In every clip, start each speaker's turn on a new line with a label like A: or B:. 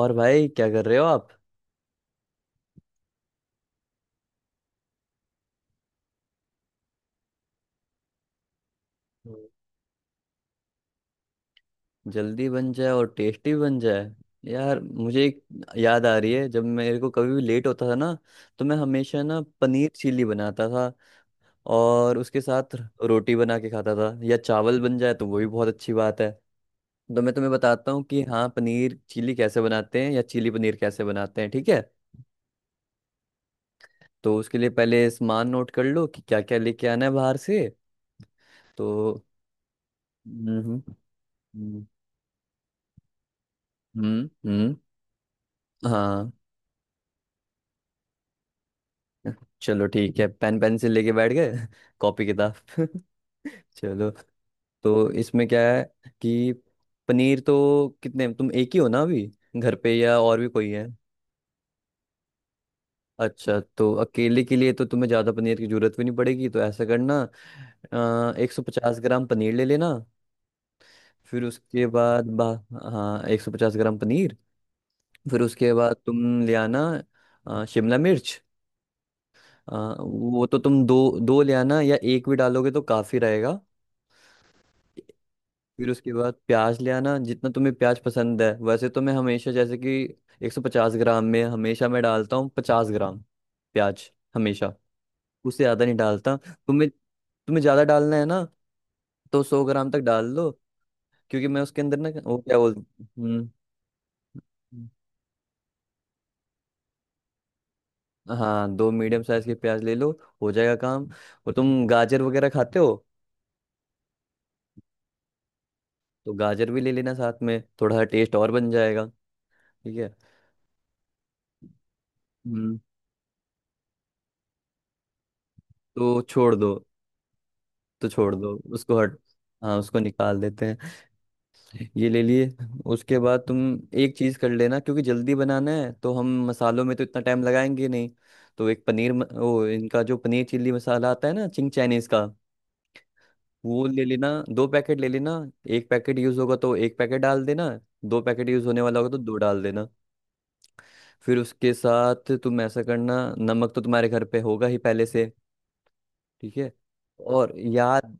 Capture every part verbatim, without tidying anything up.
A: और भाई, क्या कर रहे हो आप। हम्म। जल्दी बन जाए और टेस्टी बन जाए। यार, मुझे एक याद आ रही है, जब मेरे को कभी भी लेट होता था ना, तो मैं हमेशा ना पनीर चिली बनाता था, और उसके साथ रोटी बना के खाता था, या चावल बन जाए तो वो भी बहुत अच्छी बात है। तो मैं तुम्हें बताता हूँ कि हाँ, पनीर चिली कैसे बनाते हैं या चिली पनीर कैसे बनाते हैं, ठीक है। तो उसके लिए पहले सामान नोट कर लो कि क्या क्या लेके आना है बाहर से। तो हम्म हम्म हम्म हम्म, हम्म, हाँ, चलो, ठीक है, पेन पेंसिल लेके बैठ गए, कॉपी किताब। चलो। तो इसमें क्या है कि पनीर तो कितने तुम, एक ही हो ना अभी घर पे, या और भी कोई है। अच्छा, तो अकेले के लिए तो तुम्हें ज़्यादा पनीर की जरूरत भी नहीं पड़ेगी, तो ऐसा करना, एक सौ पचास ग्राम पनीर ले लेना। फिर उसके बाद बा हाँ, एक सौ पचास ग्राम पनीर। फिर उसके बाद तुम ले आना अ, शिमला मिर्च। अ, वो तो तुम दो, दो ले आना, या एक भी डालोगे तो काफ़ी रहेगा। फिर उसके बाद प्याज ले आना, जितना तुम्हें प्याज पसंद है। वैसे तो मैं हमेशा, जैसे कि एक सौ पचास ग्राम में हमेशा मैं डालता हूँ पचास ग्राम प्याज हमेशा। उससे ज़्यादा नहीं डालता। तुम्हें तुम्हें ज़्यादा डालना है ना, तो सौ ग्राम तक डाल लो। क्योंकि मैं उसके अंदर ना वो क्या बोल, हम्म हाँ, दो मीडियम साइज के प्याज ले लो, हो जाएगा काम। और तुम गाजर वगैरह खाते हो, तो गाजर भी ले लेना साथ में, थोड़ा सा टेस्ट और बन जाएगा, ठीक है। हम्म तो छोड़ दो, तो छोड़ दो उसको हट। हाँ, उसको निकाल देते हैं। ये ले लिए। उसके बाद तुम एक चीज़ कर लेना, क्योंकि जल्दी बनाना है, तो हम मसालों में तो इतना टाइम लगाएंगे नहीं। तो एक पनीर म- वो इनका जो पनीर चिल्ली मसाला आता है ना, चिंग चाइनीज़ का, वो ले लेना, दो पैकेट ले लेना। एक पैकेट यूज़ होगा तो एक पैकेट डाल देना, दो पैकेट यूज़ होने वाला होगा तो दो डाल देना। फिर उसके साथ तुम ऐसा करना, नमक तो तुम्हारे घर पे होगा ही पहले से, ठीक है। और याद,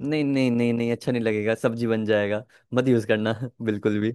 A: नहीं, नहीं, नहीं, नहीं, अच्छा नहीं लगेगा, सब्जी बन जाएगा। मत यूज करना बिल्कुल भी।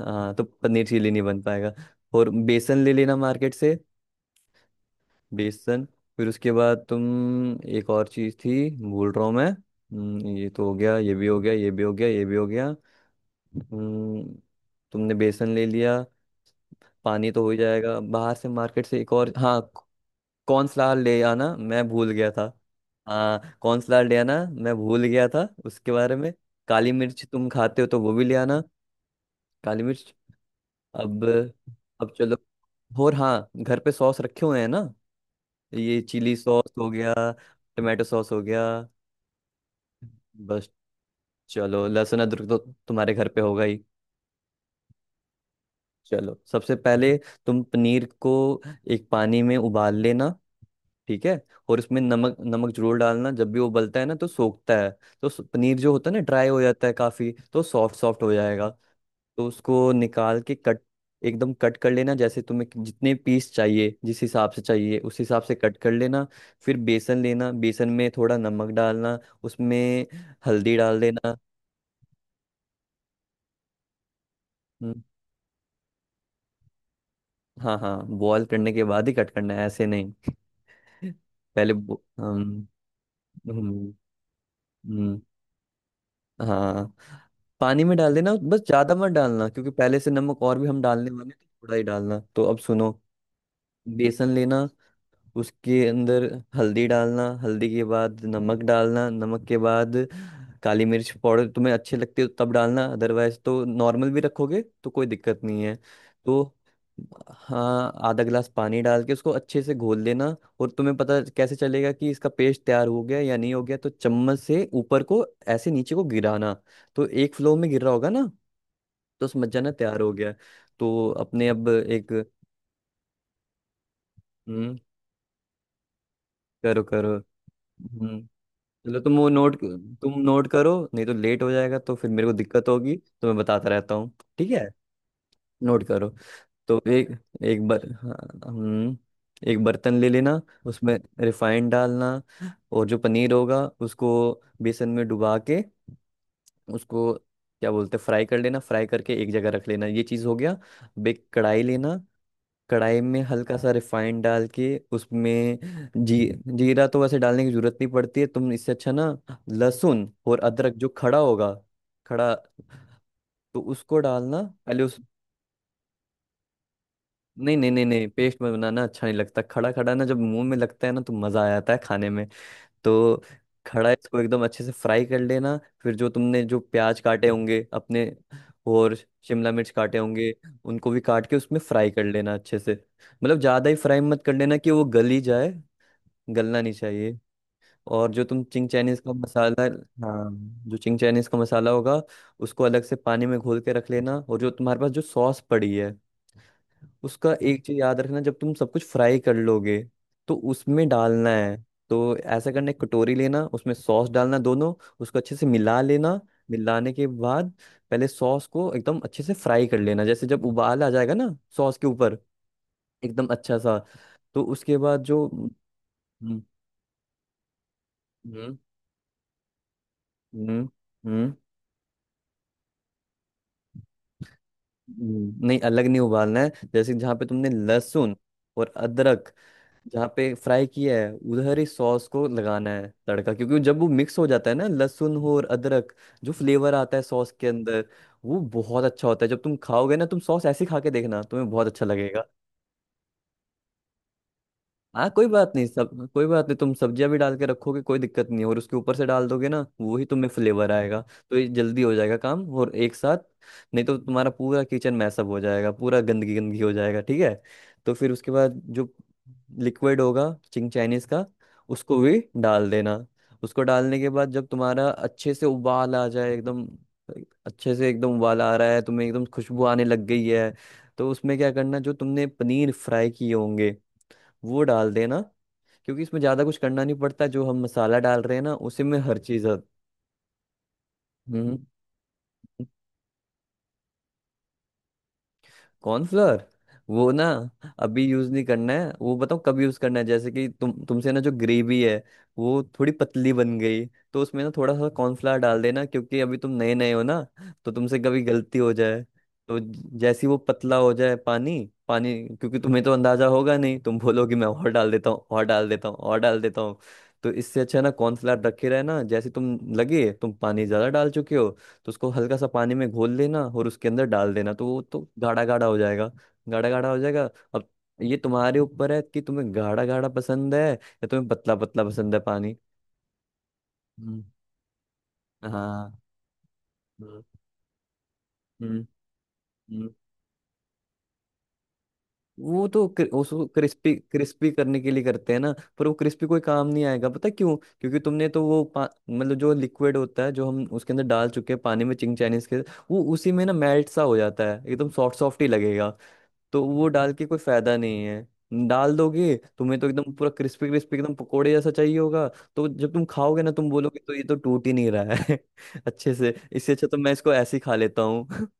A: हाँ, तो पनीर चिली नहीं बन पाएगा। और बेसन ले लेना मार्केट से, बेसन। फिर उसके बाद तुम एक और चीज थी, भूल रहा हूँ मैं। हम्म, ये तो हो गया, ये भी हो गया, ये भी हो गया, ये भी हो गया। हम्म, तुमने बेसन ले लिया। पानी तो हो ही जाएगा बाहर से, मार्केट से। एक और, हाँ, कॉर्नफ्लावर ले आना, मैं भूल गया था। हाँ, कॉर्नफ्लावर ले आना, मैं भूल गया था उसके बारे में। काली मिर्च तुम खाते हो तो वो भी ले आना, काली मिर्च। अब अब चलो। और हाँ, घर पे सॉस रखे हुए हैं ना, ये चिली सॉस हो गया, टमाटो सॉस हो गया, बस। चलो, लहसुन अदरक तो तुम्हारे घर पे होगा ही। चलो, सबसे पहले तुम पनीर को एक पानी में उबाल लेना, ठीक है। और इसमें नमक, नमक जरूर डालना, जब भी वो उबलता है ना तो सोखता है। तो स- पनीर जो होता है ना ड्राई हो जाता है काफी, तो सॉफ्ट सॉफ्ट हो जाएगा। तो उसको निकाल के कट, एकदम कट कर लेना, जैसे तुम्हें कि- जितने पीस चाहिए, जिस हिसाब से चाहिए, उस हिसाब से कट कर लेना। फिर बेसन लेना, बेसन में थोड़ा नमक डालना, उसमें हल्दी डाल देना। हम्म, हाँ, हाँ, बॉयल करने के बाद ही कट करना है, ऐसे नहीं। पहले बो- हम्म हम्म हम्म, हाँ, पानी में डाल देना, बस ज्यादा मत डालना, क्योंकि पहले से नमक और भी हम डालने वाले थे, थोड़ा ही डालना। तो अब सुनो, बेसन लेना, उसके अंदर हल्दी डालना, हल्दी के बाद नमक डालना, नमक के बाद काली मिर्च पाउडर, तुम्हें अच्छे लगते हो तब डालना, अदरवाइज तो नॉर्मल भी रखोगे तो कोई दिक्कत नहीं है। तो हाँ, आधा गिलास पानी डाल के उसको अच्छे से घोल लेना। और तुम्हें पता कैसे चलेगा कि इसका पेस्ट तैयार हो गया या नहीं हो गया, तो चम्मच से ऊपर को ऐसे नीचे को गिराना, तो एक फ्लो में गिर रहा होगा ना, तो समझ जाना तैयार हो गया है। तो अपने अब एक, हम्म करो, करो, हम्म चलो, तुम वो नोट तुम नोट करो, नहीं तो लेट हो जाएगा, तो फिर मेरे को दिक्कत होगी। तो मैं बताता रहता हूँ, ठीक है, नोट करो। तो एक एक बर हाँ, हम्म, एक बर्तन ले लेना, उसमें रिफाइंड डालना, और जो पनीर होगा उसको बेसन में डुबा के उसको, क्या बोलते हैं, फ्राई कर लेना। फ्राई करके एक जगह रख लेना, ये चीज़ हो गया। अब एक कढ़ाई लेना, कढ़ाई में हल्का सा रिफाइंड डाल के उसमें जी जीरा तो वैसे डालने की जरूरत नहीं पड़ती है, तुम इससे अच्छा ना लहसुन और अदरक जो खड़ा होगा, खड़ा, तो उसको डालना पहले। उस नहीं, नहीं, नहीं, नहीं, पेस्ट में बनाना अच्छा नहीं लगता, खड़ा खड़ा ना जब मुंह में लगता है ना तो मजा आ जाता है खाने में। तो खड़ा इसको एकदम अच्छे से फ्राई कर लेना। फिर जो तुमने जो प्याज काटे होंगे अपने, और शिमला मिर्च काटे होंगे, उनको भी काट के उसमें फ्राई कर लेना अच्छे से। मतलब ज़्यादा ही फ्राई मत कर लेना कि वो गल ही जाए, गलना नहीं चाहिए। और जो तुम चिंग चाइनीज़ का मसाला, हाँ, जो चिंग चाइनीज़ का मसाला होगा उसको अलग से पानी में घोल के रख लेना। और जो तुम्हारे पास जो सॉस पड़ी है, उसका एक चीज याद रखना, जब तुम सब कुछ फ्राई कर लोगे, तो उसमें डालना है। तो ऐसा करना, एक कटोरी लेना, उसमें सॉस डालना दोनों, उसको अच्छे से मिला लेना। मिलाने के बाद पहले सॉस को एकदम अच्छे से फ्राई कर लेना, जैसे जब उबाल आ जाएगा ना सॉस के ऊपर, एकदम अच्छा सा। तो उसके बाद जो, हम्म हम्म हम्म हम्म, हम्म, नहीं, अलग नहीं उबालना है, जैसे जहाँ पे तुमने लहसुन और अदरक जहाँ पे फ्राई किया है उधर ही सॉस को लगाना है तड़का। क्योंकि जब वो मिक्स हो जाता है ना लहसुन हो और अदरक, जो फ्लेवर आता है सॉस के अंदर, वो बहुत अच्छा होता है। जब तुम खाओगे ना तुम सॉस ऐसे ही खा के देखना, तुम्हें बहुत अच्छा। हाँ, कोई बात नहीं, सब, कोई बात नहीं, तुम सब्जियां भी डाल के रखोगे, कोई दिक्कत नहीं, और उसके ऊपर से डाल दोगे ना वो ही तुम्हें फ्लेवर आएगा। तो ये जल्दी हो जाएगा काम, और एक साथ। नहीं तो तुम्हारा पूरा किचन मैसअप हो जाएगा, पूरा गंदगी गंदगी हो जाएगा, ठीक है। तो फिर उसके बाद जो लिक्विड होगा चिंग चाइनीज का, उसको भी डाल देना। उसको डालने के बाद जब तुम्हारा अच्छे से उबाल आ जाए, एकदम अच्छे से एकदम उबाल आ रहा है, तुम्हें एकदम खुशबू आने लग गई है, तो उसमें क्या करना, जो तुमने पनीर फ्राई किए होंगे वो डाल देना। क्योंकि इसमें ज्यादा कुछ करना नहीं पड़ता, जो हम मसाला डाल रहे हैं ना, उसी में हर चीज। हम्म कॉर्नफ्लोर, वो ना अभी यूज नहीं करना है। वो बताओ कब यूज करना है, जैसे कि तुम, तुमसे ना जो ग्रेवी है, वो थोड़ी पतली बन गई, तो उसमें ना थोड़ा सा कॉर्नफ्लोर डाल देना, क्योंकि अभी तुम नए नए हो ना, तो तुमसे कभी गलती हो जाए, तो ज- जैसे ही वो पतला हो जाए पानी, पानी, क्योंकि तुम्हें तो अंदाजा होगा नहीं, तुम बोलोगे मैं और डाल देता हूँ, और डाल देता हूँ, और डाल देता हूँ। तो इससे अच्छा है ना, कॉर्नफ्लोर रखे रहना, जैसे तुम लगे तुम पानी ज्यादा डाल चुके हो, तो उसको हल्का सा पानी में घोल लेना और उसके अंदर डाल देना, तो वो तो गाढ़ा गाढ़ा हो जाएगा, गाढ़ा गाढ़ा हो जाएगा। अब ये तुम्हारे ऊपर है कि तुम्हें गाढ़ा गाढ़ा पसंद है, या तुम्हें पतला पतला पसंद है पानी। हम्म हाँ। हम्म हम्म हम्म। वो तो क्रि- उसको क्रिस्पी क्रिस्पी करने के लिए करते हैं ना, पर वो क्रिस्पी कोई काम नहीं आएगा, पता है क्यों। क्योंकि तुमने तो वो पा- मतलब जो लिक्विड होता है जो हम उसके अंदर डाल चुके हैं पानी में, चिंग चाइनीज के, वो उसी में ना मेल्ट सा हो जाता है, एकदम सॉफ्ट सॉफ्ट ही लगेगा। तो वो डाल के कोई फायदा नहीं है, डाल दोगे तुम्हें तो एकदम पूरा क्रिस्पी क्रिस्पी एकदम पकोड़े जैसा चाहिए होगा। तो जब तुम खाओगे ना तुम बोलोगे तो ये तो टूट ही नहीं रहा है। अच्छे से इससे अच्छा तो मैं इसको ऐसे ही खा लेता हूँ।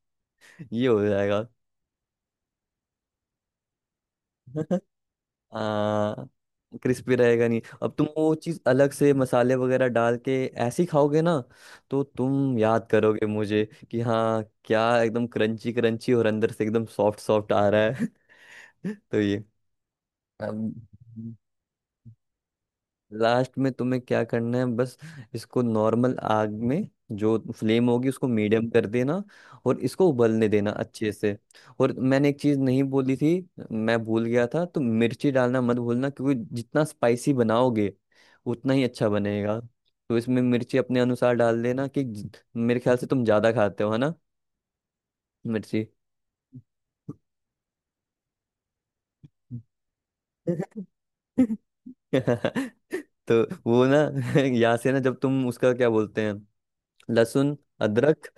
A: ये हो जाएगा। आ, क्रिस्पी रहेगा नहीं, अब तुम वो चीज़ अलग से मसाले वगैरह डाल के ऐसे ही खाओगे ना, तो तुम याद करोगे मुझे कि हाँ, क्या एकदम क्रंची क्रंची और अंदर से एकदम सॉफ्ट सॉफ्ट आ रहा है। तो ये, अब लास्ट में तुम्हें क्या करना है, बस इसको नॉर्मल आग में, जो फ्लेम होगी उसको मीडियम कर देना, और इसको उबलने देना अच्छे से। और मैंने एक चीज नहीं बोली थी, मैं भूल गया था, तो मिर्ची डालना मत भूलना, क्योंकि जितना स्पाइसी बनाओगे उतना ही अच्छा बनेगा। तो इसमें मिर्ची अपने अनुसार डाल देना कि ज- मेरे ख्याल से तुम ज्यादा खाते हो है ना मिर्ची। तो वो ना, यहाँ से ना जब तुम उसका क्या बोलते हैं, लहसुन, अदरक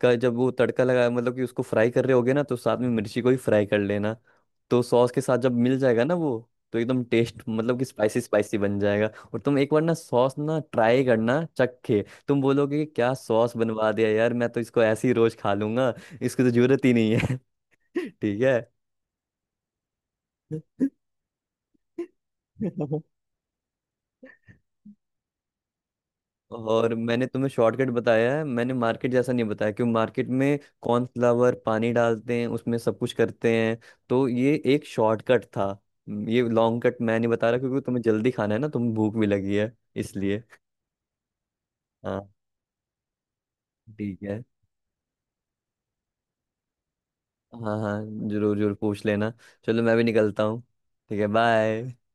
A: का जब वो तड़का लगाया, मतलब कि उसको फ्राई कर रहे होगे ना, तो साथ में मिर्ची को भी फ्राई कर लेना। तो सॉस के साथ जब मिल जाएगा ना वो तो एकदम टेस्ट, मतलब कि स्पाइसी स्पाइसी बन जाएगा। और तुम एक बार ना सॉस ना ट्राई करना, चखे, तुम बोलोगे कि क्या सॉस बनवा दिया यार, मैं तो इसको ऐसे ही रोज खा लूंगा, इसकी तो जरूरत ही नहीं है। ठीक है। और मैंने तुम्हें शॉर्टकट बताया है, मैंने मार्केट जैसा नहीं बताया, क्यों, मार्केट में कॉर्नफ्लावर पानी डालते हैं उसमें सब कुछ करते हैं, तो ये एक शॉर्टकट था। हम्म, ये लॉन्ग कट मैं नहीं बता रहा, क्योंकि तुम्हें जल्दी खाना है ना, तुम्हें भूख भी लगी है, इसलिए हाँ, ठीक है। हाँ, हाँ, जरूर, जरूर पूछ लेना, चलो, मैं भी निकलता हूँ, ठीक है, बाय।